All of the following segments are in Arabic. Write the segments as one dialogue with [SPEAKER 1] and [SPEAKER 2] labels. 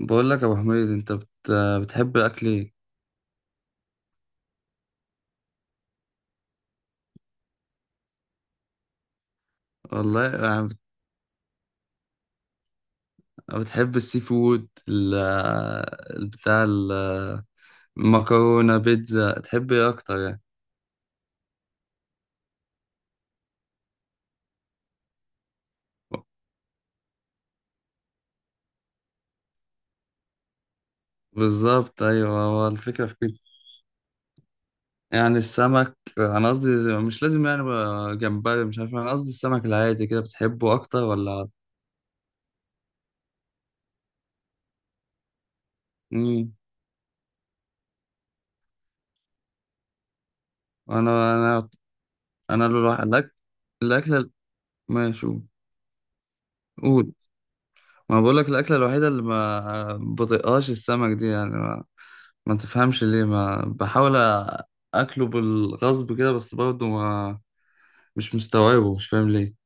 [SPEAKER 1] بقول لك يا ابو حميد، بتحب الاكل ايه؟ والله يعني بتحب السي فود بتاع، المكرونه، بيتزا، تحب ايه اكتر يعني؟ بالظبط ايوه، هو الفكره في كده. يعني السمك، انا قصدي مش لازم يعني بقى جمبري، مش عارف، انا قصدي السمك العادي كده بتحبه اكتر ولا؟ امم انا انا انا الواحد، الاكل، الاكله... ماشي قول. قول. ما بقول لك الاكله الوحيده اللي ما بطيقهاش السمك دي يعني، ما تفهمش ليه، ما بحاول اكله بالغصب كده، بس برضه ما، مش مستوعبه، مش فاهم ليه.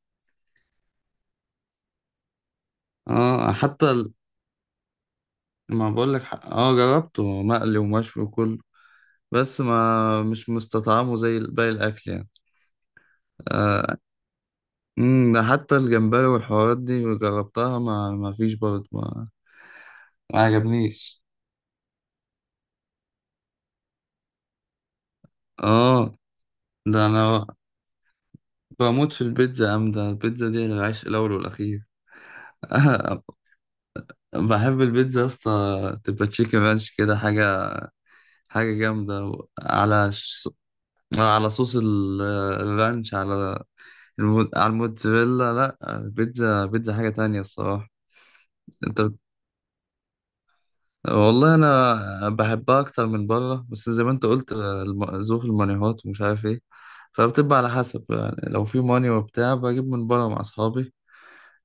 [SPEAKER 1] اه، حتى ما بقول لك، اه جربته مقلي ومشوي وكله، بس ما مش مستطعمه زي باقي الاكل يعني. آه. ده حتى الجمبري والحوارات دي جربتها، ما فيش برضه، ما عجبنيش. اه، ده انا بموت في البيتزا يا عم، ده البيتزا دي العيش الاول والاخير. بحب البيتزا يا اسطى، تبقى تشيكن رانش كده، حاجة حاجة جامدة، على على صوص الرانش، على على الموتزاريلا، لا البيتزا بيتزا حاجة تانية الصراحة. انت بت- والله انا بحبها اكتر من بره، بس زي ما انت قلت ظروف المانيهات ومش عارف ايه، فبتبقى على حسب يعني، لو في ماني وبتاع بجيب من بره مع اصحابي،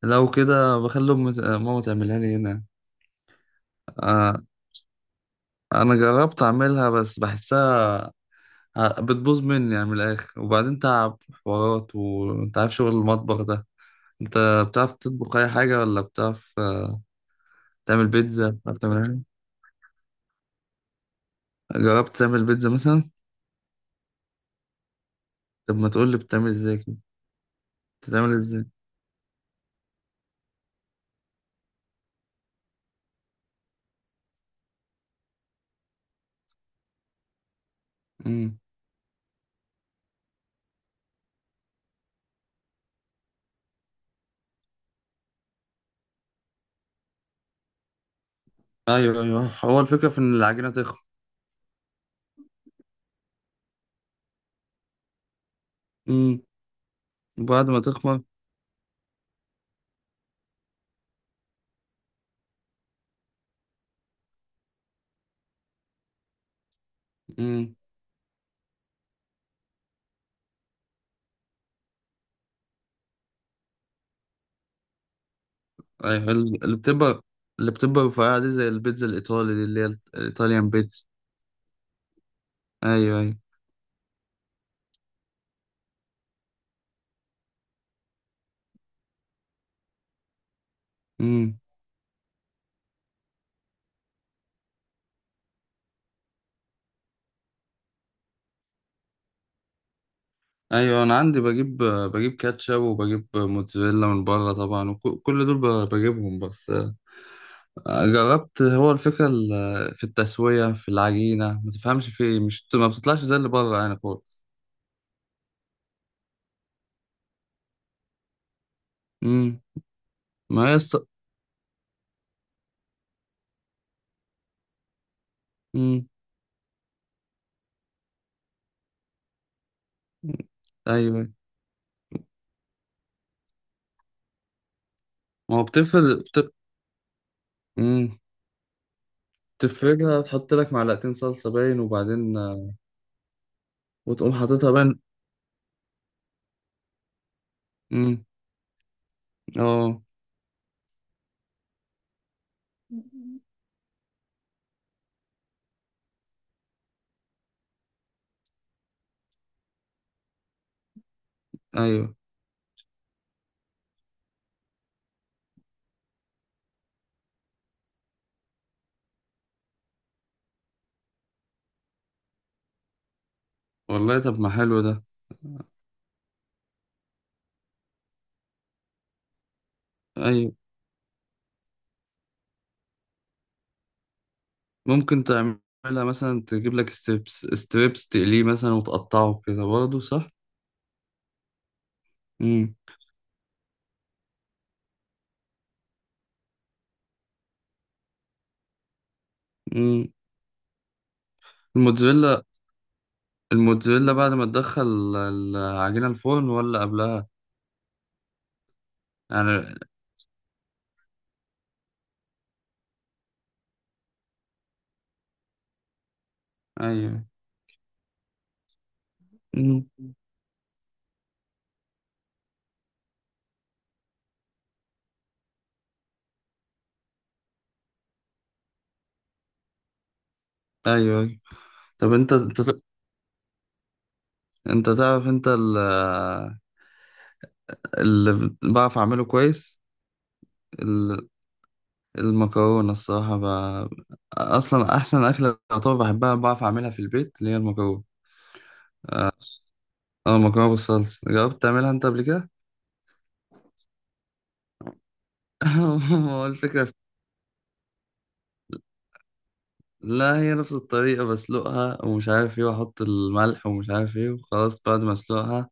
[SPEAKER 1] لو كده بخلي ماما تعملها لي هنا. آه، انا جربت اعملها بس بحسها، بتبوظ مني يعني من الآخر، وبعدين تعب حوارات، وأنت عارف شغل المطبخ ده. أنت بتعرف تطبخ أي حاجة ولا بتعرف؟ تعمل بيتزا، بتعرف تعمل حاجة، جربت تعمل بيتزا مثلا؟ طب ما تقول لي بتعمل إزاي كده، بتعمل إزاي؟ امم أيوه أيوه، هو الفكرة في إن العجينة تخمر. امم وبعد ما تخمر. امم أيوه اللي بتبقى، اللي بتبقى رفيعة دي زي البيتزا الإيطالي دي اللي هي الإيطاليان بيتزا. أيوه أيوه. امم ايوه انا عندي بجيب كاتشب، وبجيب موتزاريلا من بره طبعا، وكل دول بجيبهم، بس جربت، هو الفكره في التسويه في العجينه، ما تفهمش في إيه، مش ما بتطلعش زي اللي بره يعني خالص. امم ما هي امم ايوه، ما هو بتفرد امم تفردها، تحط لك معلقتين صلصه باين، وبعدين وتقوم حاططها باين. امم اه ايوه. والله طب ما حلو ده. ايوه، ممكن تعملها مثلا، تجيب لك ستريبس ستريبس تقليه مثلا وتقطعه كده برضه، صح. امم امم الموتزاريلا الموتزاريلا بعد ما تدخل العجينة الفرن ولا قبلها؟ يعني ايوه. امم ايوه ايوه. طب انت تعرف، اللي بعرف اعمله كويس ال- المكرونة الصراحة، اصلا احسن اكلة طبعا بحبها، بعرف اعملها في البيت، اللي هي المكرونة. اه المكرونة بالصلصة، جربت تعملها انت قبل كده؟ هو الفكرة لا، هي نفس الطريقة، بسلقها ومش عارف ايه، واحط الملح ومش عارف ايه، وخلاص بعد ما اسلقها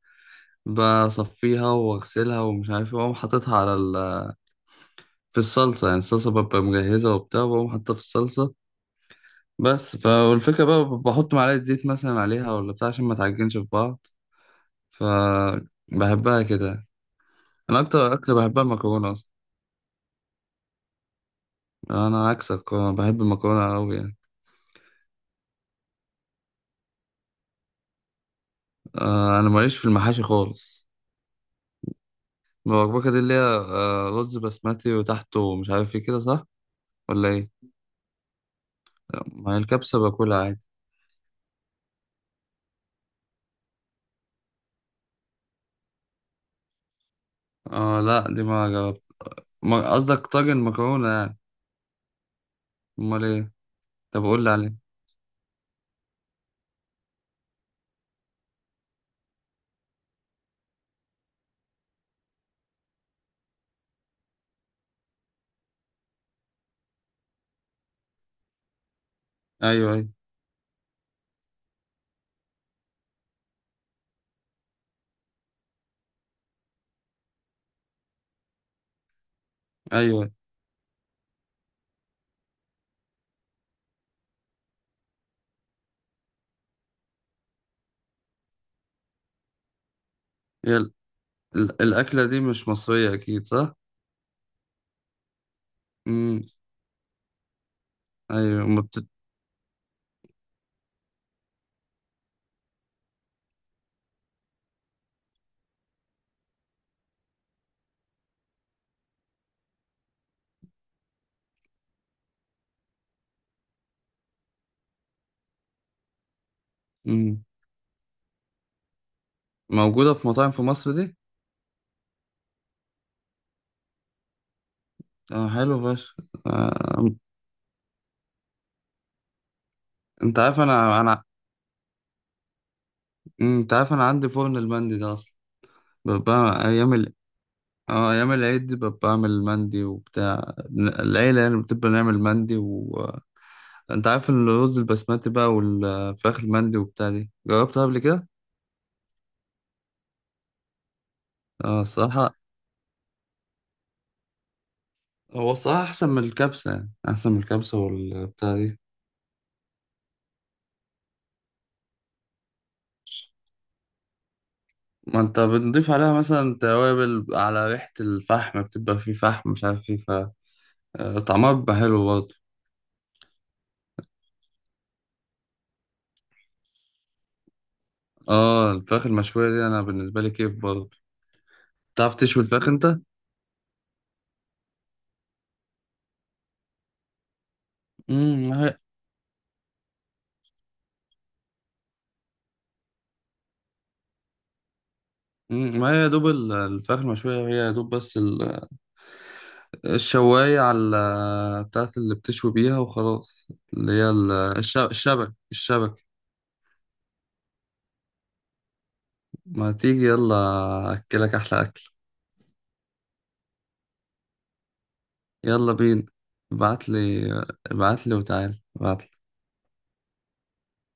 [SPEAKER 1] بصفيها واغسلها ومش عارف ايه، واقوم حاططها على في الصلصة يعني. الصلصة ببقى مجهزة وبتاع، وبقوم حاطها في الصلصة. بس فالفكرة بقى بحط معلقة زيت مثلا عليها ولا بتاع، عشان ما تعجنش في بعض، فبحبها كده. انا اكتر اكل بحبها المكرونة اصلا، انا عكسك، بحب المكرونة قوي يعني. انا ماليش في المحاشي خالص. المبكبكة دي اللي هي رز بسمتي وتحته مش عارف ايه كده، صح ولا ايه؟ ما هي الكبسة باكلها عادي. اه لا دي ما جربت. قصدك طاجن مكرونة يعني؟ امال ايه؟ طب قول لي عليه. ايوه ايوه ايوه، هي الاكلة دي مش مصرية اكيد، صح؟ امم ايوه ما مم. موجودة في مطاعم في مصر دي؟ اه حلو فشخ. آه. انت عارف انا انا، مم، انت عارف انا عندي فرن المندي ده اصلا، بقى ايام، اه ايام العيد دي ببقى بعمل مندي وبتاع، العيله يعني بتبقى نعمل مندي، و انت عارف الرز البسمتي بقى والفراخ المندي وبتاع دي، جربتها قبل كده. اه الصراحه، هو الصراحه احسن من الكبسه يعني، احسن من الكبسه والبتاع دي. ما انت بنضيف عليها مثلا توابل، على ريحه الفحم بتبقى فيه فحم، مش عارف فيه ف، طعمها بيبقى حلو برضه. اه الفراخ المشويه دي انا بالنسبه لي كيف برضه. بتعرف تشوي الفراخ انت؟ ما هي، مم، ما هي يا دوب الفراخ المشوية، هي يا دوب بس الشواية، على بتاعت اللي بتشوي بيها وخلاص، اللي هي الشبك، الشبك. ما تيجي يلا، أكلك أحلى أكل. يلا بينا، ابعتلي، ابعتلي وتعالى، ابعتلي.